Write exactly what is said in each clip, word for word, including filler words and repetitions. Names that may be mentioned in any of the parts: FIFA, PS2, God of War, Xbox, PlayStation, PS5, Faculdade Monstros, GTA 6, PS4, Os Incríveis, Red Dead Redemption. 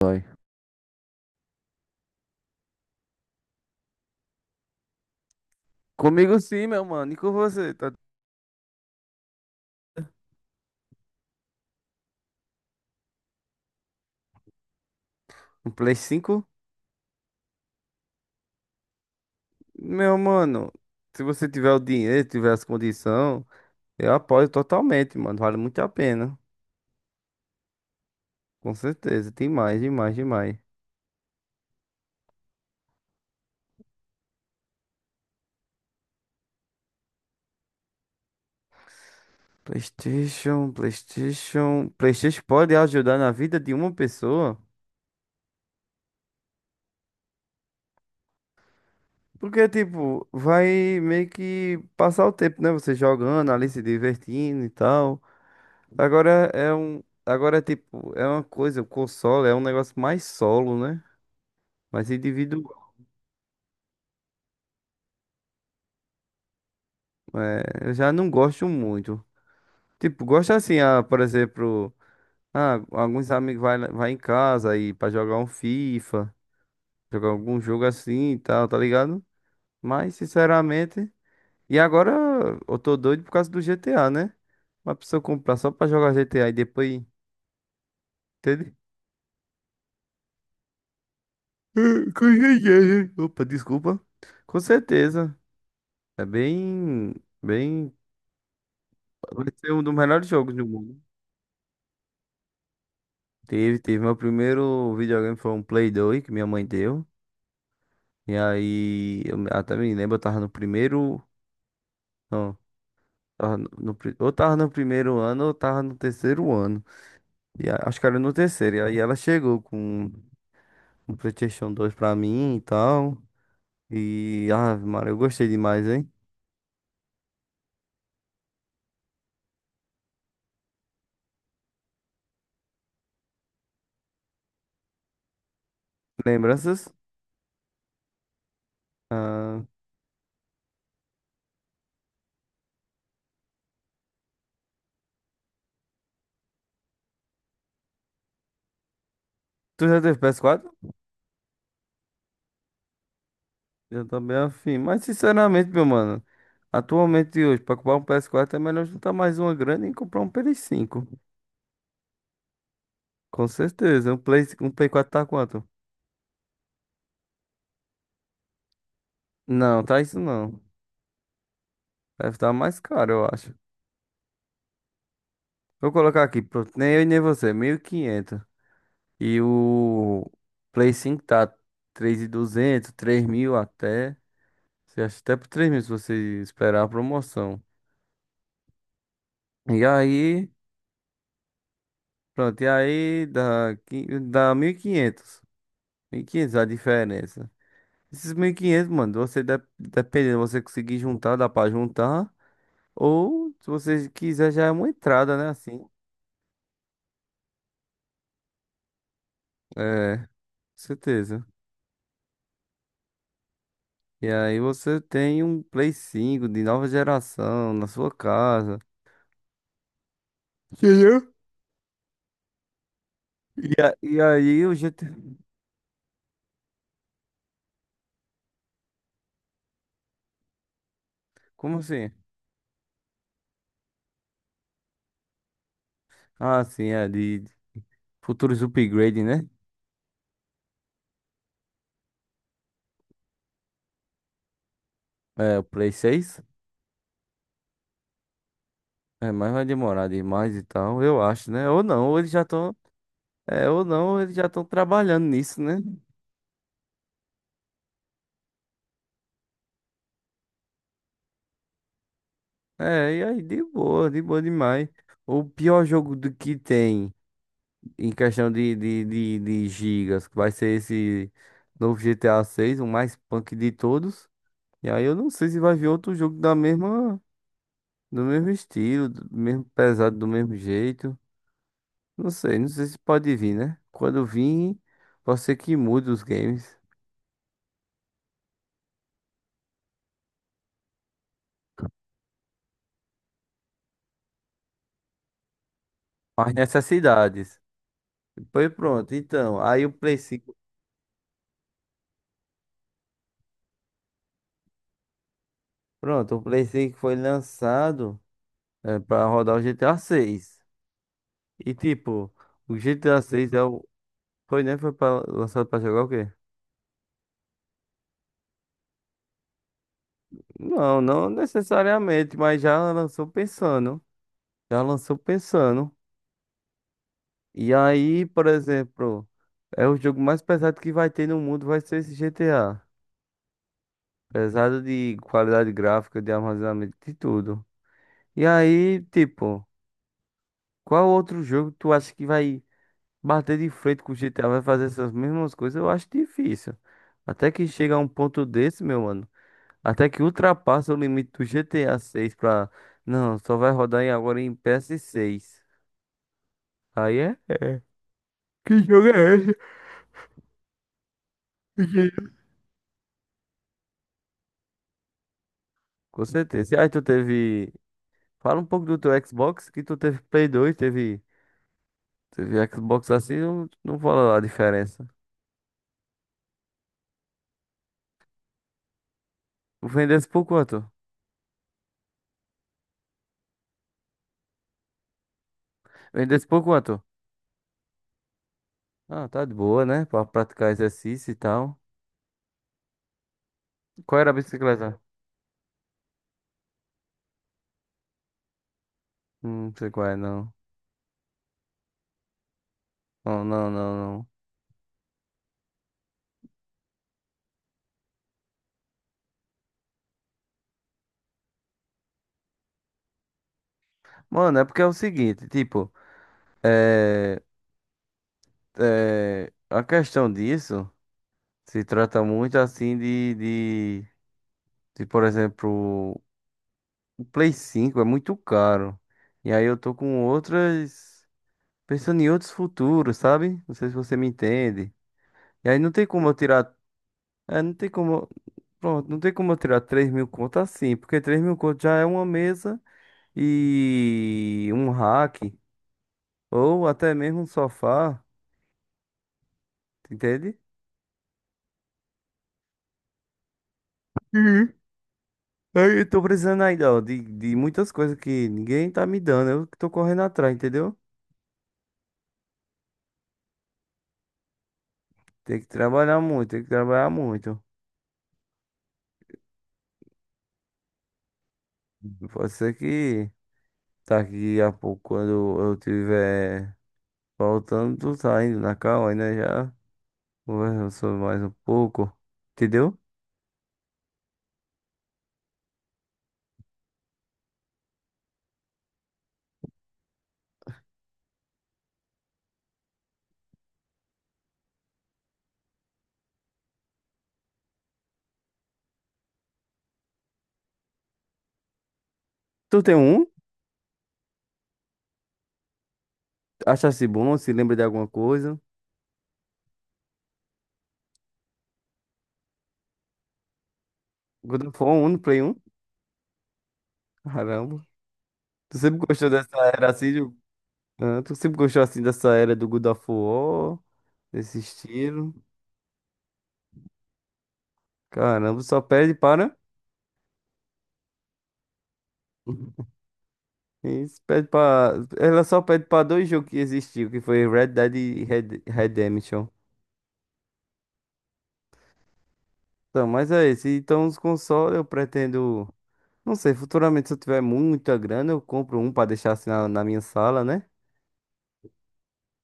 Dói. Comigo sim, meu mano. E com você? Tá... Um Play cinco? Meu mano, se você tiver o dinheiro, tiver as condições, eu apoio totalmente, mano. Vale muito a pena. Com certeza. Tem mais, demais, demais. PlayStation, PlayStation. PlayStation pode ajudar na vida de uma pessoa. Porque, tipo, vai meio que passar o tempo, né? Você jogando ali, se divertindo e tal. Agora é um. Agora, é, tipo, é uma coisa, o console é um negócio mais solo, né? Mas indivíduo, é, eu já não gosto muito. Tipo, gosto assim, ah, por exemplo, ah, alguns amigos vai, lá- vai em casa aí pra jogar um FIFA, jogar algum jogo assim e tal, tá ligado? Mas, sinceramente, e agora eu tô doido por causa do G T A, né? Uma pessoa comprar só pra jogar G T A e depois, entende? Com certeza. Opa, desculpa. Com certeza. É bem, bem, vai ser um dos melhores jogos do mundo. Teve, teve. Meu primeiro videogame foi um Play dois que minha mãe deu. E aí, eu me- até me lembro, eu tava no primeiro. Não, tava no, no pri- ou tava no primeiro ano ou tava no terceiro ano. E a- acho que era no terceiro. E aí ela chegou com um PlayStation dois pra mim e tal. E, ah, Maria, eu gostei demais, hein? Lembranças? Ah, tu já teve P S quatro? Eu também afim. Mas, sinceramente, meu mano, atualmente hoje, pra comprar um P S quatro é melhor juntar mais uma grana e comprar um P S cinco. Com certeza. Um Play, um Play quatro tá quanto? Não, tá isso não. Deve estar mais caro, eu acho. Vou colocar aqui, pronto. Nem eu e nem você, mil e quinhentos. E quinhentos. E o Play cinco tá três mil e duzentos, três mil até. Você acha até por três mil se você esperar a promoção. E aí, pronto, e aí dá, qui- dá mil e quinhentos. Quinhentos, mil e quinhentos a diferença. Esses mil e quinhentos, mano, você de, dependendo, você conseguir juntar, dá pra juntar. Ou, se você quiser, já é uma entrada, né? Assim. É, com certeza. E aí você tem um Play cinco de nova geração na sua casa. Entendeu? E, a- e aí o G T... Como assim? Ah, sim, é de de futuros upgrade, né? É, o Play seis. É, mas vai demorar demais e tal, eu acho, né? Ou não, ou eles já estão... É, ou não, ou eles já estão trabalhando nisso, né? É, e aí de boa, de boa demais. O pior jogo do que tem... em questão de, de, de, de gigas, que vai ser esse novo G T A seis, o mais punk de todos. E aí eu não sei se vai vir outro jogo da mesma, do mesmo estilo, do mesmo pesado, do mesmo jeito. Não sei, não sei se pode vir, né? Quando vir, pode ser que mude os games. As necessidades. Foi, pronto, então, aí o Play cinco, pronto, o Play cinco foi lançado, é, para rodar o G T A seis. E tipo, o G T A seis é o... Foi, né? Foi pra, lançado pra jogar o quê? Não, não necessariamente, mas já lançou pensando. Já lançou pensando. E aí, por exemplo, é o jogo mais pesado que vai ter no mundo, vai ser esse G T A. Pesado de qualidade gráfica, de armazenamento, de tudo. E aí, tipo, qual outro jogo tu acha que vai bater de frente com o G T A, vai fazer essas mesmas coisas? Eu acho difícil. Até que chega a um ponto desse, meu mano. Até que ultrapassa o limite do G T A seis pra. Não, só vai rodar em- agora em P S seis. Aí é, é. Que jogo é esse? Com certeza. E aí tu teve. Fala um pouco do teu Xbox, que tu teve Play dois, teve. Teve Xbox assim, não, não fala lá a diferença. Vendesse por quanto? Vendesse por quanto? Ah, tá de boa, né? Pra praticar exercício e tal. Qual era a bicicleta? Hum, Não sei qual é, não. Não, não, não, não. Mano, é porque é o seguinte, tipo. é é, a questão disso se trata muito assim de, de, de, por exemplo, o Play cinco é muito caro. E aí eu tô com outras, pensando em outros futuros, sabe? Não sei se você me entende. E aí não tem como eu tirar, é, não tem como, pronto, não tem como eu tirar três mil conto assim, porque três mil conto já é uma mesa e um rack, ou até mesmo um sofá, entende? Aí eu tô precisando ainda, ó, de, de muitas coisas que ninguém tá me dando. Eu que tô correndo atrás, entendeu? Tem que trabalhar muito, tem que trabalhar muito. Pode ser que daqui a pouco, quando eu tiver faltando, tu tá indo na calma, ainda já conversando sobre mais um pouco, entendeu? Tu tem um? Achasse bom? Se lembra de alguma coisa? Quando for um, no Play um. Caramba. Tu sempre gostou dessa era assim? de- Ah, tu sempre gostou assim dessa era do God of War? Desse estilo? Caramba, só pede para. Isso, pede para. Ela só pede para dois jogos que existiu, que foi Red Dead e Red... Redemption. Então, mas é esse. Então, os consoles eu pretendo. Não sei, futuramente, se eu tiver muita grana, eu compro um pra deixar assim na, na minha sala, né?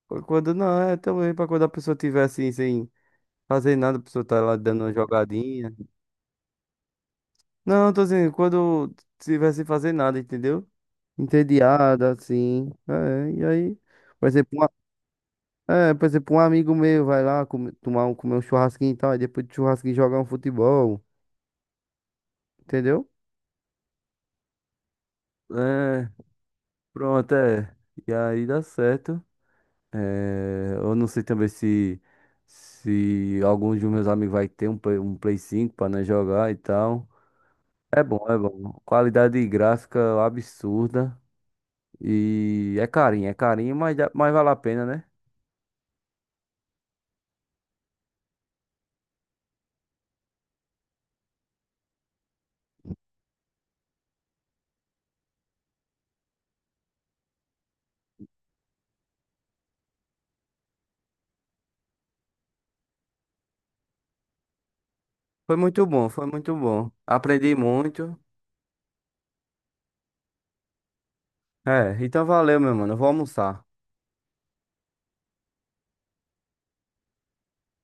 Qu- Quando não, é também pra quando a pessoa tiver assim, sem fazer nada, a pessoa tá lá dando uma jogadinha. Não, tô dizendo, quando tiver sem fazer nada, entendeu? Entediada, assim. É, e aí, por exemplo, é, por exemplo, um amigo meu vai lá comer, tomar um, comer um churrasquinho e tal, e depois do churrasquinho jogar um futebol, entendeu? É, pronto, é. E aí dá certo. É, eu não sei também se, se alguns dos meus amigos vai ter um, Play- um Play cinco para nós jogar e tal. É bom, é bom. Qualidade gráfica absurda. E é carinho, é carinho, mas, dá- mas vale a pena, né? Foi muito bom, foi muito bom. Aprendi muito. É, então valeu, meu mano. Eu vou almoçar.